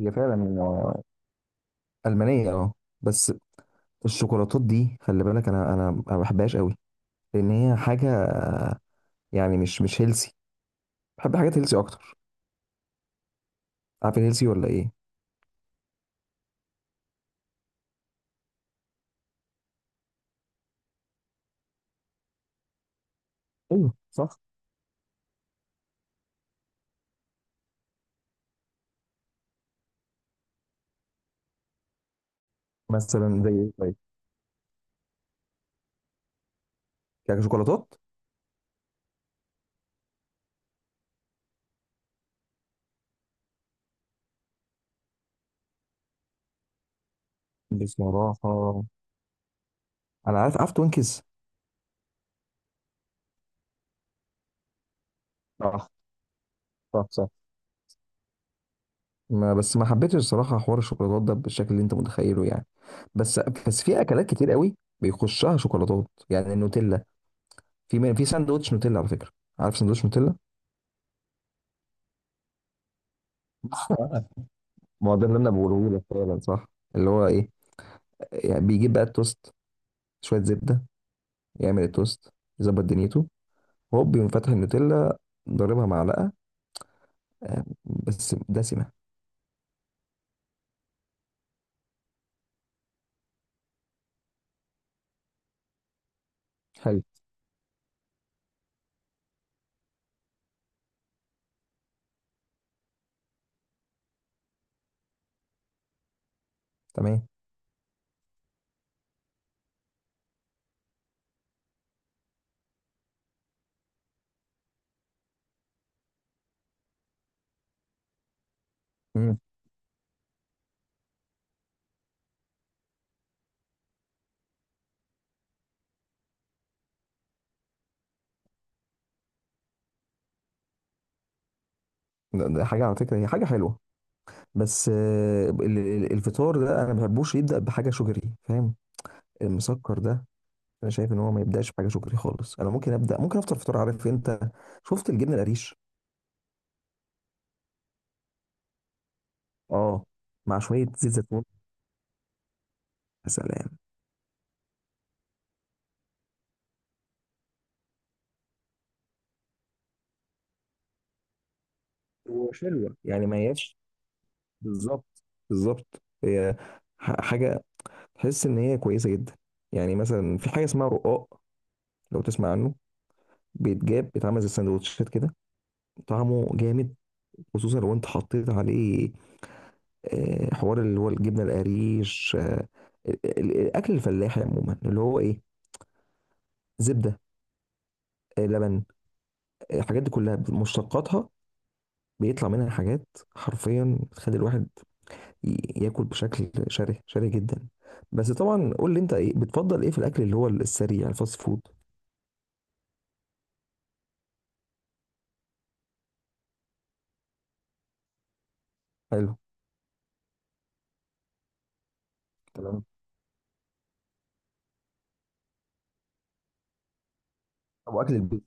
هي فعلا ألمانية بس. الشوكولاتات دي، خلي بالك، انا ما بحبهاش قوي، لان هي حاجة، يعني مش هيلسي. بحب حاجات هيلسي اكتر. عارف هيلسي ولا ايه؟ ايوه، صح. مثلا زي ايه؟ طيب. يعني شوكولاتات. بصراحة انا عارف توينكس. صح، صح، صح. ما بس ما حبيتش الصراحة حوار الشوكولاتات ده بالشكل اللي انت متخيله، يعني. بس بس في اكلات كتير قوي بيخشها شوكولاتات، يعني النوتيلا. في ساندوتش نوتيلا على فكرة. عارف ساندوتش نوتيلا؟ ما هو ده اللي انا بقوله لك، فعلا صح. اللي هو ايه؟ يعني بيجيب بقى التوست، شويه زبده، يعمل التوست، يظبط دنيته، هوب يقوم فاتح النوتيلا، ضاربها معلقه، بس دسمه. حلو. تمام. مم. ده حاجه على فكره، هي حاجه حلوه. بس الفطار ده انا ما بحبوش يبدا بحاجه شجري، فاهم؟ المسكر ده. انا شايف ان هو ما يبداش بحاجه شجري خالص. انا ممكن ابدا، ممكن افطر فطار، عارف انت؟ شفت الجبنه القريش؟ اه. مع شويه زيت زيتون. يا سلام. وشلوى يعني ما هياش. بالظبط، بالظبط، هي حاجة تحس إن هي كويسة جدا. يعني مثلا في حاجة اسمها رقاق، لو تسمع عنه. بيتجاب، بيتعمل زي السندوتشات كده. طعمه جامد. خصوصا لو انت حطيت عليه حوار اللي هو الجبنة القريش، الأكل الفلاحي عموما، اللي هو إيه، زبدة، لبن، الحاجات دي كلها مشتقاتها، بيطلع منها حاجات حرفيا بتخلي الواحد ياكل بشكل شره شره جدا. بس طبعا قول لي انت، ايه بتفضل، ايه في الاكل اللي هو السريع، الفاست فود؟ حلو. تمام. او اكل البيت.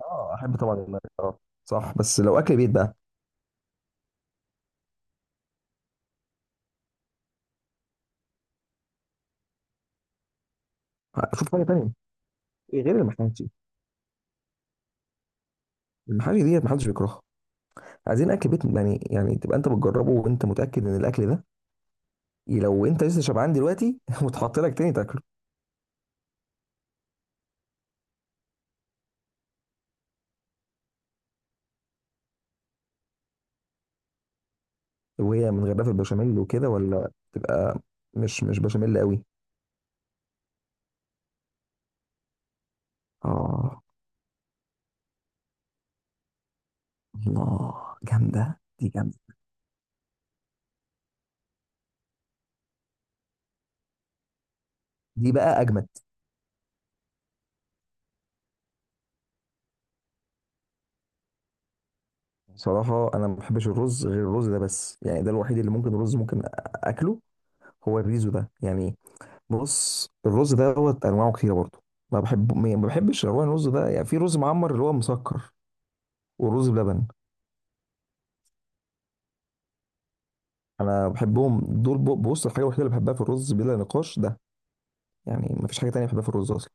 اه، احب طبعا المحاشي، اه. صح، بس لو اكل بيت بقى. اشوف حاجه تانية. إيه غير المحاشي؟ المحاشي ديت محدش بيكرهها. عايزين اكل بيت يعني تبقى انت بتجربه وانت متاكد ان الاكل ده لو انت لسه شبعان دلوقتي وتحط لك تاني تاكله. وهي من غير، في البشاميل وكده، ولا تبقى مش بشاميل قوي؟ اه، الله، جامده دي، جامده. دي بقى اجمد. صراحة أنا ما بحبش الرز غير الرز ده بس، يعني ده الوحيد اللي ممكن، الرز ممكن أكله، هو الريزو ده يعني. بص، الرز ده هو أنواعه كتيرة برضه. ما بحبش أنواع الرز ده، يعني في رز معمر اللي هو مسكر، والرز بلبن. أنا بحبهم دول. بص، الحاجة الوحيدة اللي بحبها في الرز بلا نقاش ده، يعني ما فيش حاجة تانية بحبها في الرز أصلا.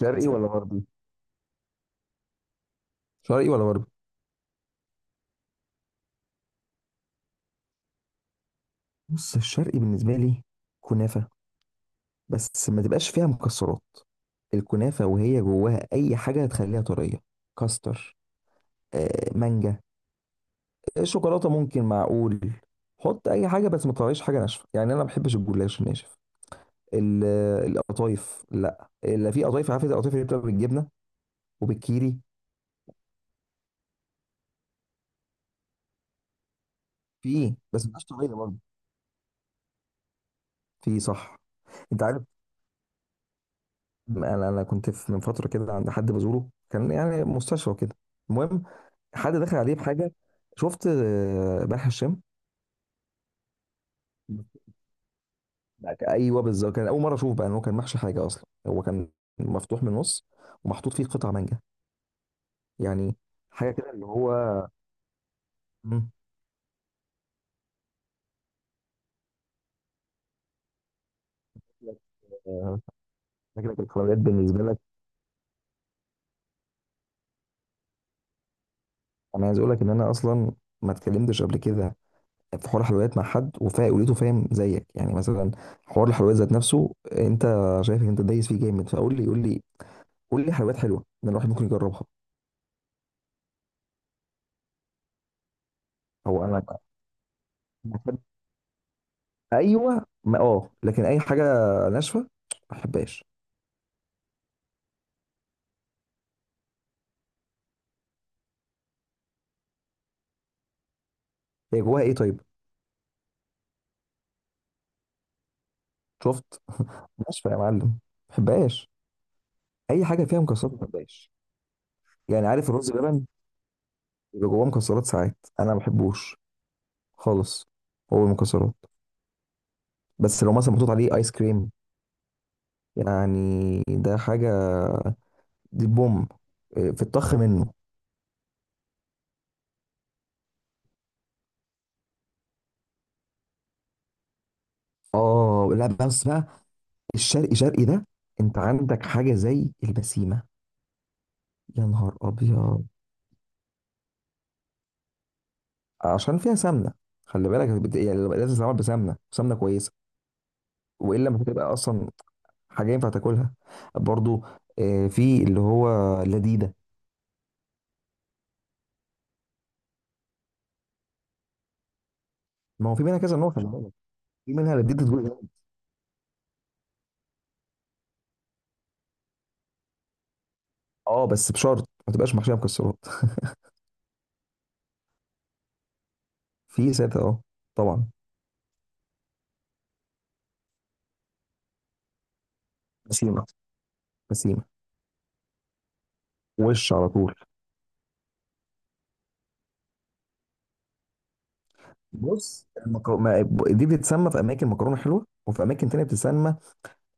شرقي ولا غربي؟ شرقي ولا غربي؟ بص، الشرقي بالنسبة لي، كنافة. بس ما تبقاش فيها مكسرات. الكنافة وهي جواها أي حاجة هتخليها طرية، كاستر، مانجا، الشوكولاته ممكن، معقول. حط اي حاجه بس ما تطلعليش حاجه ناشفه، يعني انا ما بحبش الجلاش الناشف. القطايف، لا اللي في قطايف، عارف القطايف اللي بتبقى بالجبنه وبالكيري؟ في ايه، بس مش طبيعيه برضه. في، صح. انت عارف، انا كنت في، من فتره كده، عند حد بزوره كان يعني مستشفى كده. المهم، حد دخل عليه بحاجه. شفت بلح الشام؟ ايوه بالظبط، كان اول مره اشوف بقى ان هو كان محشي حاجه اصلا، هو كان مفتوح من النص، ومحطوط فيه قطع مانجا. يعني حاجه كده اللي هو. مم. آه، فكره الحلويات بالنسبه لك، انا عايز اقول لك ان انا اصلا ما اتكلمتش قبل كده في حوار الحلويات مع حد وفا لقيته فاهم زيك، يعني مثلا حوار الحلويات ذات نفسه، انت شايف ان انت دايس فيه جامد، فقول لي، قول لي، قول لي حلويات حلوه ان الواحد ممكن يجربها. هو انا بحب- ايوه، ما اه لكن اي حاجه ناشفه ما بحبهاش. هي جواها ايه طيب؟ شفت ناشفه يا معلم، ما بحبهاش. اي حاجه فيها مكسرات ما بحبهاش. يعني عارف الرز بلبن، بيبقى جواه مكسرات ساعات، انا ما بحبوش خالص. هو المكسرات، بس لو مثلا محطوط عليه ايس كريم، يعني ده حاجه، دي بوم. إيه، في الطخ منه. اه، لا، بس بقى الشرقي شرقي ده، انت عندك حاجه زي البسيمه؟ يا نهار ابيض، عشان فيها سمنه، خلي بالك، يعني لازم تتعمل بسمنه، سمنه كويسه، والا مش هتبقى اصلا حاجه ينفع تاكلها. برضو في اللي هو لذيذه. ما هو في منها كذا نوع، خلي بالك، في منها لذيذه. اه، بس بشرط ما تبقاش محشيه مكسرات. في ساده، اه. طبعا. بسيمة. بسيمه. وش على طول. بص المك... ما... دي بتتسمى في اماكن مكرونه حلوه، وفي اماكن تانية بتتسمى،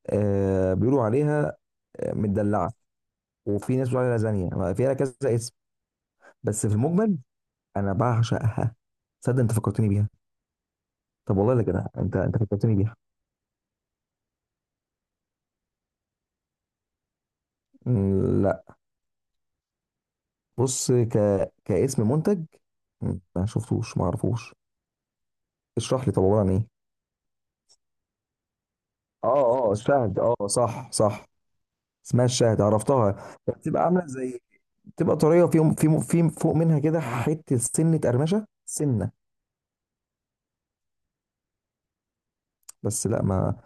بيقولوا عليها مدلعه، وفي ناس بتقول عليها لازانيا، ما فيها كذا اسم. بس في المجمل انا بعشقها. تصدق، انت فكرتني بيها. طب والله لا كده، انت فكرتني بيها. مم، لا. بص كاسم منتج، ما شفتوش، ما اعرفوش. اشرح لي، طب عباره عن ايه؟ اه، اه، الشهد، اه، صح، صح، اسمها الشاهد، عرفتها. بتبقى عامله زي، بتبقى طريه، وفي في في فوق منها كده حته سنه، قرمشه سنه. بس لا ما.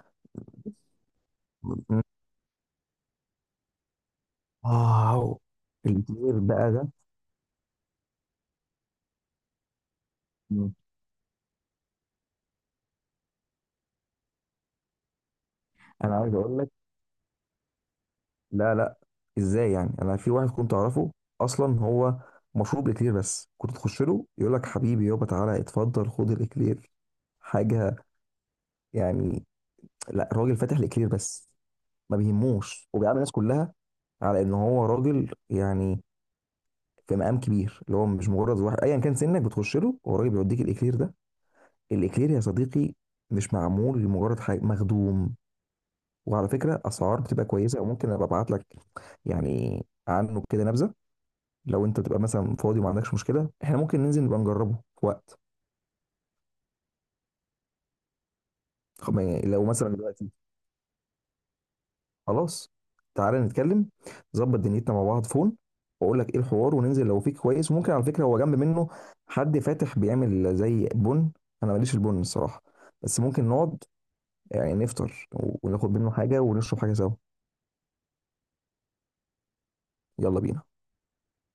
واو. الكبير بقى ده. مم. انا عايز اقول لك، لا، لا، ازاي يعني؟ انا في واحد كنت اعرفه، اصلا هو مشروب اكلير بس، كنت تخش له يقول لك: حبيبي يابا تعالى اتفضل، خد الاكلير. حاجه، يعني، لا راجل فاتح الاكلير بس، ما بيهموش، وبيعامل الناس كلها على ان هو راجل، يعني في مقام كبير، اللي هو مش مجرد واحد، ايا كان سنك بتخش له والراجل بيوديك الاكلير ده. الاكلير يا صديقي، مش معمول لمجرد حاجه، مخدوم. وعلى فكره، اسعار بتبقى كويسه، وممكن ابقى ابعت لك يعني عنه كده نبذه. لو انت بتبقى مثلا فاضي وما عندكش مشكله، احنا ممكن ننزل نبقى نجربه في وقت. لو مثلا دلوقتي، خلاص، تعالى نتكلم، ظبط دنيتنا مع بعض، فون، واقول لك ايه الحوار، وننزل لو فيك كويس. وممكن على فكره هو جنب منه حد فاتح بيعمل زي بن. انا ماليش في البن الصراحه، بس ممكن نقعد، يعني نفطر، وناخد منه حاجه ونشرب حاجه سوا. يلا بينا.